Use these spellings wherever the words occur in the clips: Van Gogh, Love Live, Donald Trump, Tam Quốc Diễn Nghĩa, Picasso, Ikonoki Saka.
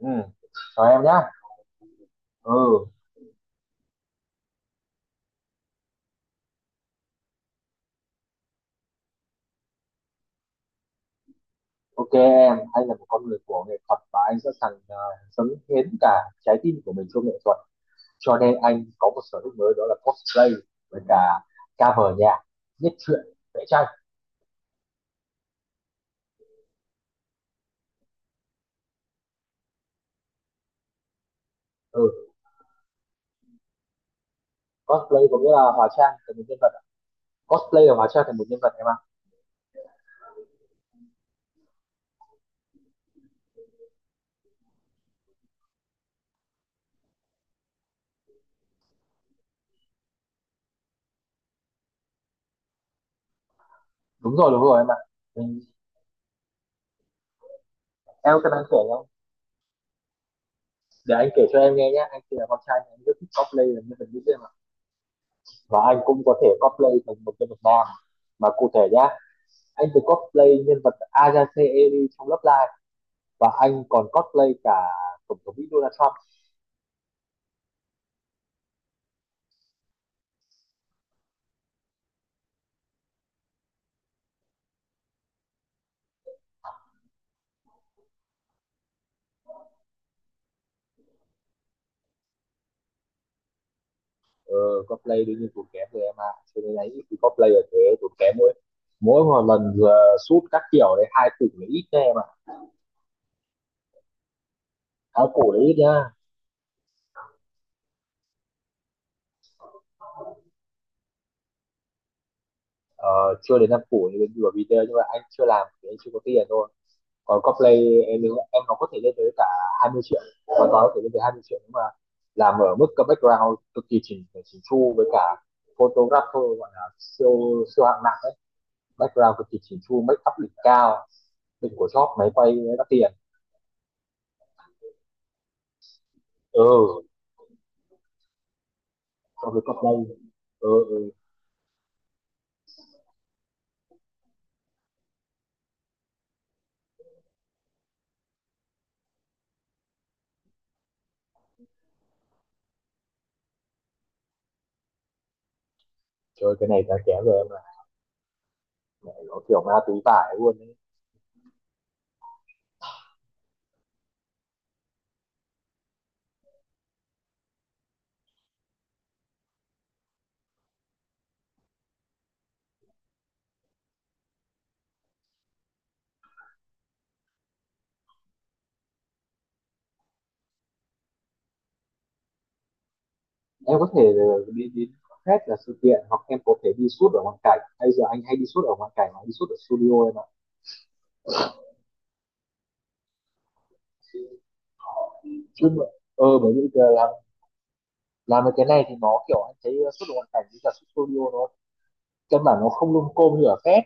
Ừ, chào em nhá. Ừ, ok em, anh là một con người của nghệ thuật và anh sẵn sàng dâng hiến cả trái tim của mình cho nghệ thuật, cho nên anh có một sở thích mới, đó là cosplay. Với cả cover nhạc, viết truyện, vẽ tranh. Ừ, cosplay có nghĩa là hóa trang thành một nhân vật ạ. Cosplay là hóa trang thành một nhân vật em ạ. Đúng rồi đúng rồi em ạ. Mình, em có đang kể không? Để anh kể cho em nghe nhé, anh thì là con trai, anh rất thích cosplay là nhân vật nữ em ạ, và anh cũng có thể cosplay thành một nhân vật nam. Mà cụ thể nhá, anh được cosplay nhân vật Ajace Eri trong Love Live, và anh còn cosplay cả tổng thống Mỹ Donald Trump. ờ, Cosplay đương nhiên tốn kém rồi em ạ. À, cho nên là ít cosplay ở thế, tốn kém mỗi mỗi một lần vừa shoot các kiểu đấy hai củ là ít nha em ạ. Áo củ là ít nhá. ờ, Chưa đến năm củ như bên vừa video, nhưng mà anh chưa làm thì anh chưa có tiền thôi. Còn cosplay em, nếu em nó có thể lên tới cả 20 triệu, hoàn toàn có thể lên tới 20 triệu, nhưng mà làm ở mức cái background cực kỳ chỉnh chỉnh chu với cả photographer gọi là siêu siêu hạng nặng ấy. Background cực kỳ chỉnh chu, make up đỉnh cao, đỉnh của shop, máy quay đắt tiền. Ừ, so với cosplay. Ừ. Trời, cái này giá kém rồi em ạ. Mẹ nó kiểu ma túy vải luôn ấy. Em có thể đi đến hết là sự kiện, hoặc em có thể đi shoot ở ngoại cảnh. Bây giờ anh hay đi shoot ở ngoại cảnh mà đi shoot ở studio em ạ. Chứ mà- bởi vì giờ làm được cái này thì nó kiểu anh thấy xuất được hoàn cảnh với cả xuất studio, nó căn bản nó không lung côm như ở phép.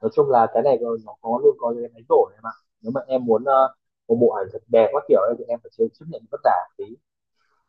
Nói chung là cái này nó có luôn có cái máy đổi em ạ. Nếu mà em muốn một bộ ảnh thật đẹp các kiểu ấy, thì em phải chơi chấp nhận vất vả một tí.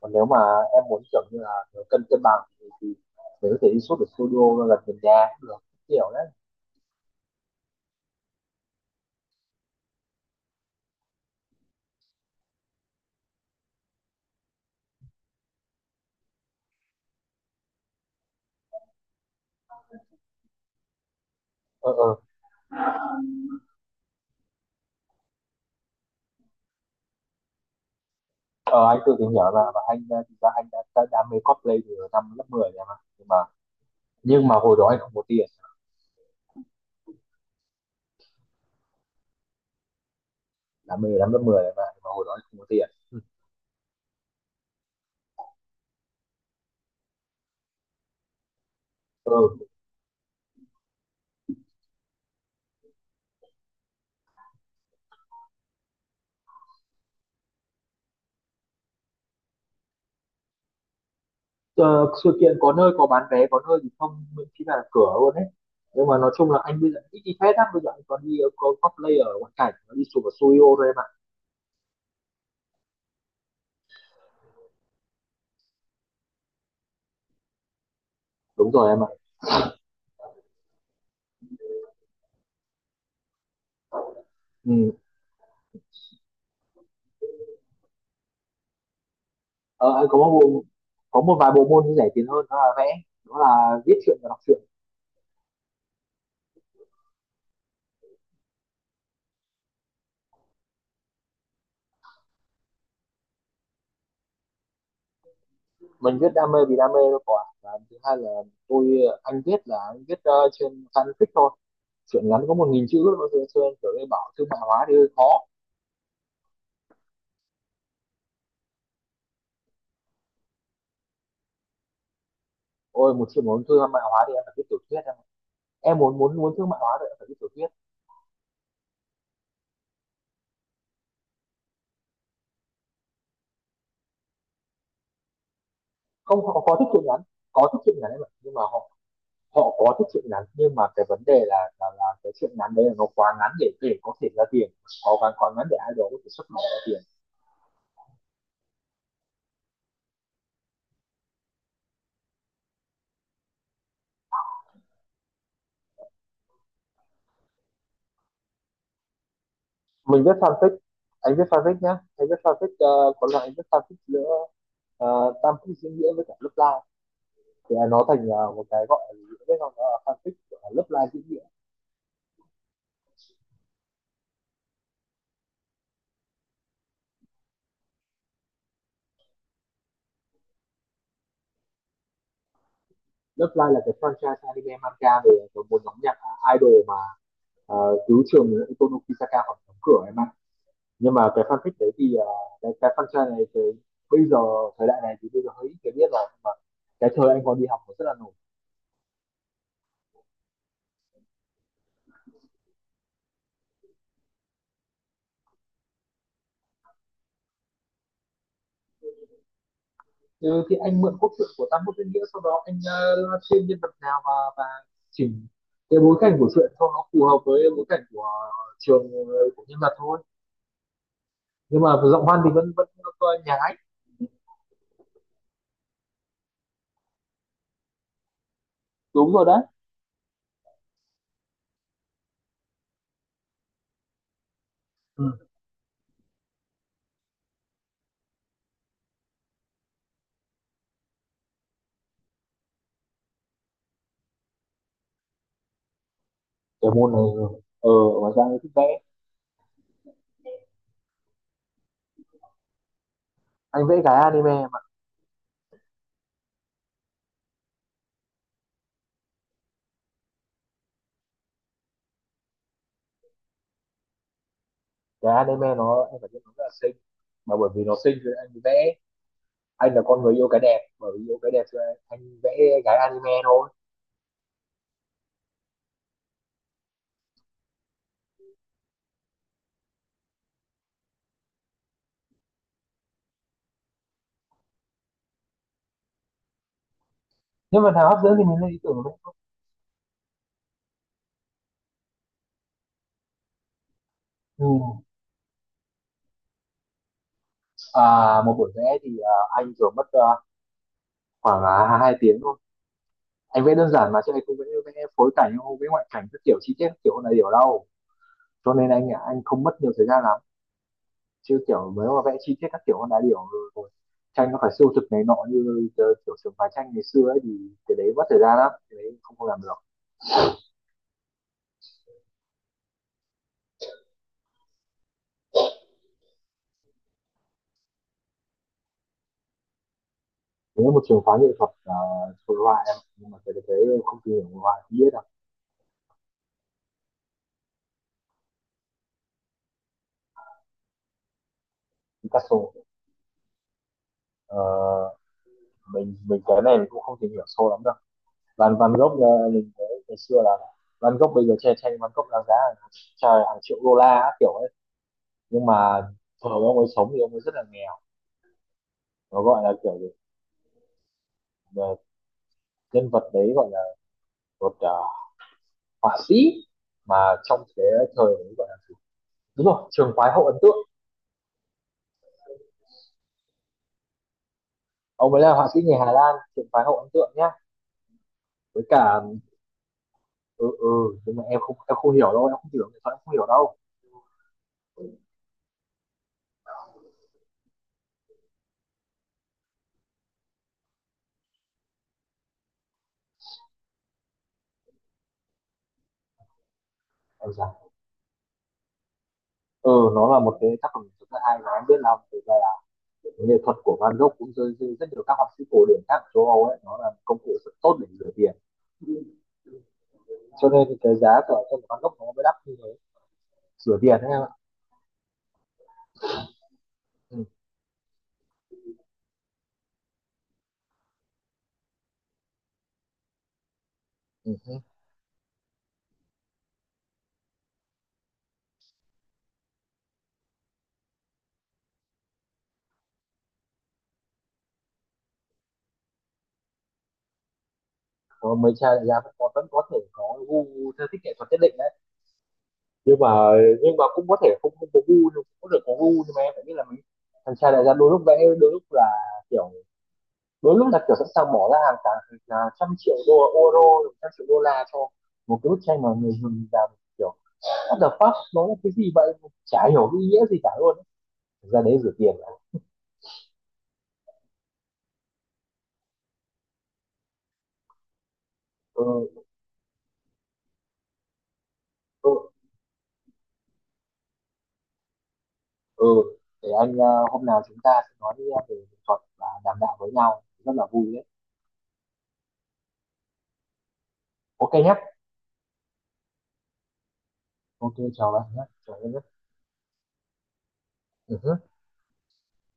Còn nếu mà em muốn kiểu như là nó cân cân bằng thì mình có thể đi xuất ở studio nó gần gần nhà cũng được, kiểu đấy. Ờ ờ ờ, anh tự tìm hiểu là, và anh thực ra anh đã đam mê cosplay từ năm lớp 10 em ạ, nhưng mà hồi đó anh không có tiền. Đam mê lắm, lớp 10 mà, hồi đó không có tiền. Ừ. ờ, Sự kiện có nơi có bán vé, có nơi thì không, miễn phí là cửa luôn đấy. Nhưng mà nói chung là anh bây giờ ít đi phết lắm, bây giờ anh còn đi có cosplay ở ngoại cảnh, đi chụp ở studio thôi em ạ. Đúng rồi em ạ. Ừ. ờ, anh có một có một vài bộ môn rẻ tiền hơn, đó là vẽ, đó là viết truyện và đọc truyện. Mình viết đam mê vì đam mê thôi, quả, và thứ hai là tôi, anh viết là anh viết trên fanfic thôi. Chuyện ngắn có 1.000 chữ, nó sẽ kiểu như bảo thương mại hóa thì hơi khó. Ôi, một chuyện muốn thương mại hóa thì em phải viết tiểu thuyết em ạ. Em muốn muốn muốn thương mại hóa thì em phải viết tiểu thuyết. Không, họ có thích truyện ngắn, có thích truyện ngắn em ạ, nhưng mà họ họ có thích truyện ngắn, nhưng mà cái vấn đề là là cái truyện ngắn đấy là nó quá ngắn để có thể ra tiền, có quá quá ngắn để ai đó có thể xuất bản ra tiền. Mình viết fanfic, anh viết fanfic nhá, anh viết fanfic có loại anh viết fanfic nữa, Tam Quốc Diễn Nghĩa với cả lớp lai, thì nó thành một cái gọi là fanfic lớp lai diễn nghĩa. Lớp lai là cái franchise anime manga về một nhóm nhạc idol mà à, cứu trường Ikonoki Saka khỏi đóng cửa em ạ. Nhưng mà cái fanfic đấy thì cái franchise này thì bây giờ thời đại này thì bây giờ hơi ít người biết rồi, mà cái thời anh còn đi học cũng rất là nổi. Ừ, thì anh mượn cốt truyện của Tam Quốc Diễn Nghĩa, sau đó anh live stream nhân vật nào, và chỉnh cái bối cảnh của truyện cho nó phù hợp với bối cảnh của trường, của nhân vật thôi. Nhưng mà giọng văn thì vẫn vẫn nhái. Đúng rồi đấy. Ừ. Cái môn này, ở ngoài ra anh thích vẽ. Anh vẽ cái anime. Cái anime nó, em phải biết nó rất là xinh, mà bởi vì nó xinh thì anh vẽ. Anh là con người yêu cái đẹp, bởi vì yêu cái đẹp cho anh vẽ gái anime thôi. Nhưng mà thằng hấp dẫn thì mình lên ý tưởng đấy. Ừ. à, Một buổi vẽ thì anh thường mất khoảng 2 tiếng thôi. Anh vẽ đơn giản mà, chứ anh không vẽ phối cảnh, không vẽ ngoại cảnh các kiểu chi tiết các kiểu này điều đâu, cho nên anh anh không mất nhiều thời gian lắm. Chứ kiểu mới mà vẽ chi tiết các kiểu con đá điểu rồi tranh nó phải siêu thực này nọ, như kiểu trường phái tranh ngày xưa ấy thì cái đấy mất thời gian lắm, cái đấy không không làm được. Nếu một trường phái nghệ thuật, hội họa em, nhưng mà cái đấy em không tìm hiểu hội họa không biết đâu. Picasso. ờ, mình, cái này mình cũng không tìm hiểu sâu lắm đâu. Van Van Gogh, mình thấy ngày xưa là Van Gogh, bây giờ che tranh Van Gogh đáng giá hàng, trời, hàng triệu đô la á, kiểu ấy, nhưng mà thời ông ấy sống thì ông ấy rất là nghèo. Nó gọi là kiểu gì? Ờ, Nhân vật đấy gọi là một, họa sĩ mà trong cái thời ấy gọi là, đúng rồi, trường phái hậu ấn tượng. Ông ấy là họa sĩ người Hà Lan, trường phái hậu ấn tượng nhá. Với cả, ừ ừ, nhưng mà em không, em không hiểu đâu, em không hiểu nghệ thuật, em không hiểu đâu. Em rằng, ừ, nó là một cái tác phẩm rất là hay, mà em biết là thực ra là nghệ thuật của Van Gogh cũng rơi rơi rất nhiều các họa sĩ cổ điển khác ở châu Âu ấy, nó là công cụ rất tốt để rửa tiền, cho nên cái giá của tranh của Van Gogh nó mới đắt như thế. Rửa tiền đấy em ạ. Ừ, ừ, ừ. Có mấy cha đại gia vẫn có, vẫn có thể có gu, theo thích nghệ thuật nhất định đấy, nhưng mà cũng có thể không, không có gu, nhưng cũng có thể có gu, nhưng mà em phải biết là mình, thằng cha đại gia đôi lúc vẽ, đôi lúc là kiểu, đôi lúc là kiểu sẵn sàng bỏ ra hàng cả, trăm triệu đô euro, trăm triệu đô la cho một cái bức tranh mà người dùng làm kiểu what the fuck, nó là cái gì vậy, chả hiểu cái ý nghĩa gì cả luôn ấy. Thực ra đấy rửa tiền là, ừ, ừ, ừ. Để anh, hôm nào chúng ta sẽ nói về nghệ thuật và đàm đạo với nhau rất là vui đấy. Ok nhé. Ok, chào bạn nhé, chào em nhé. Ừ.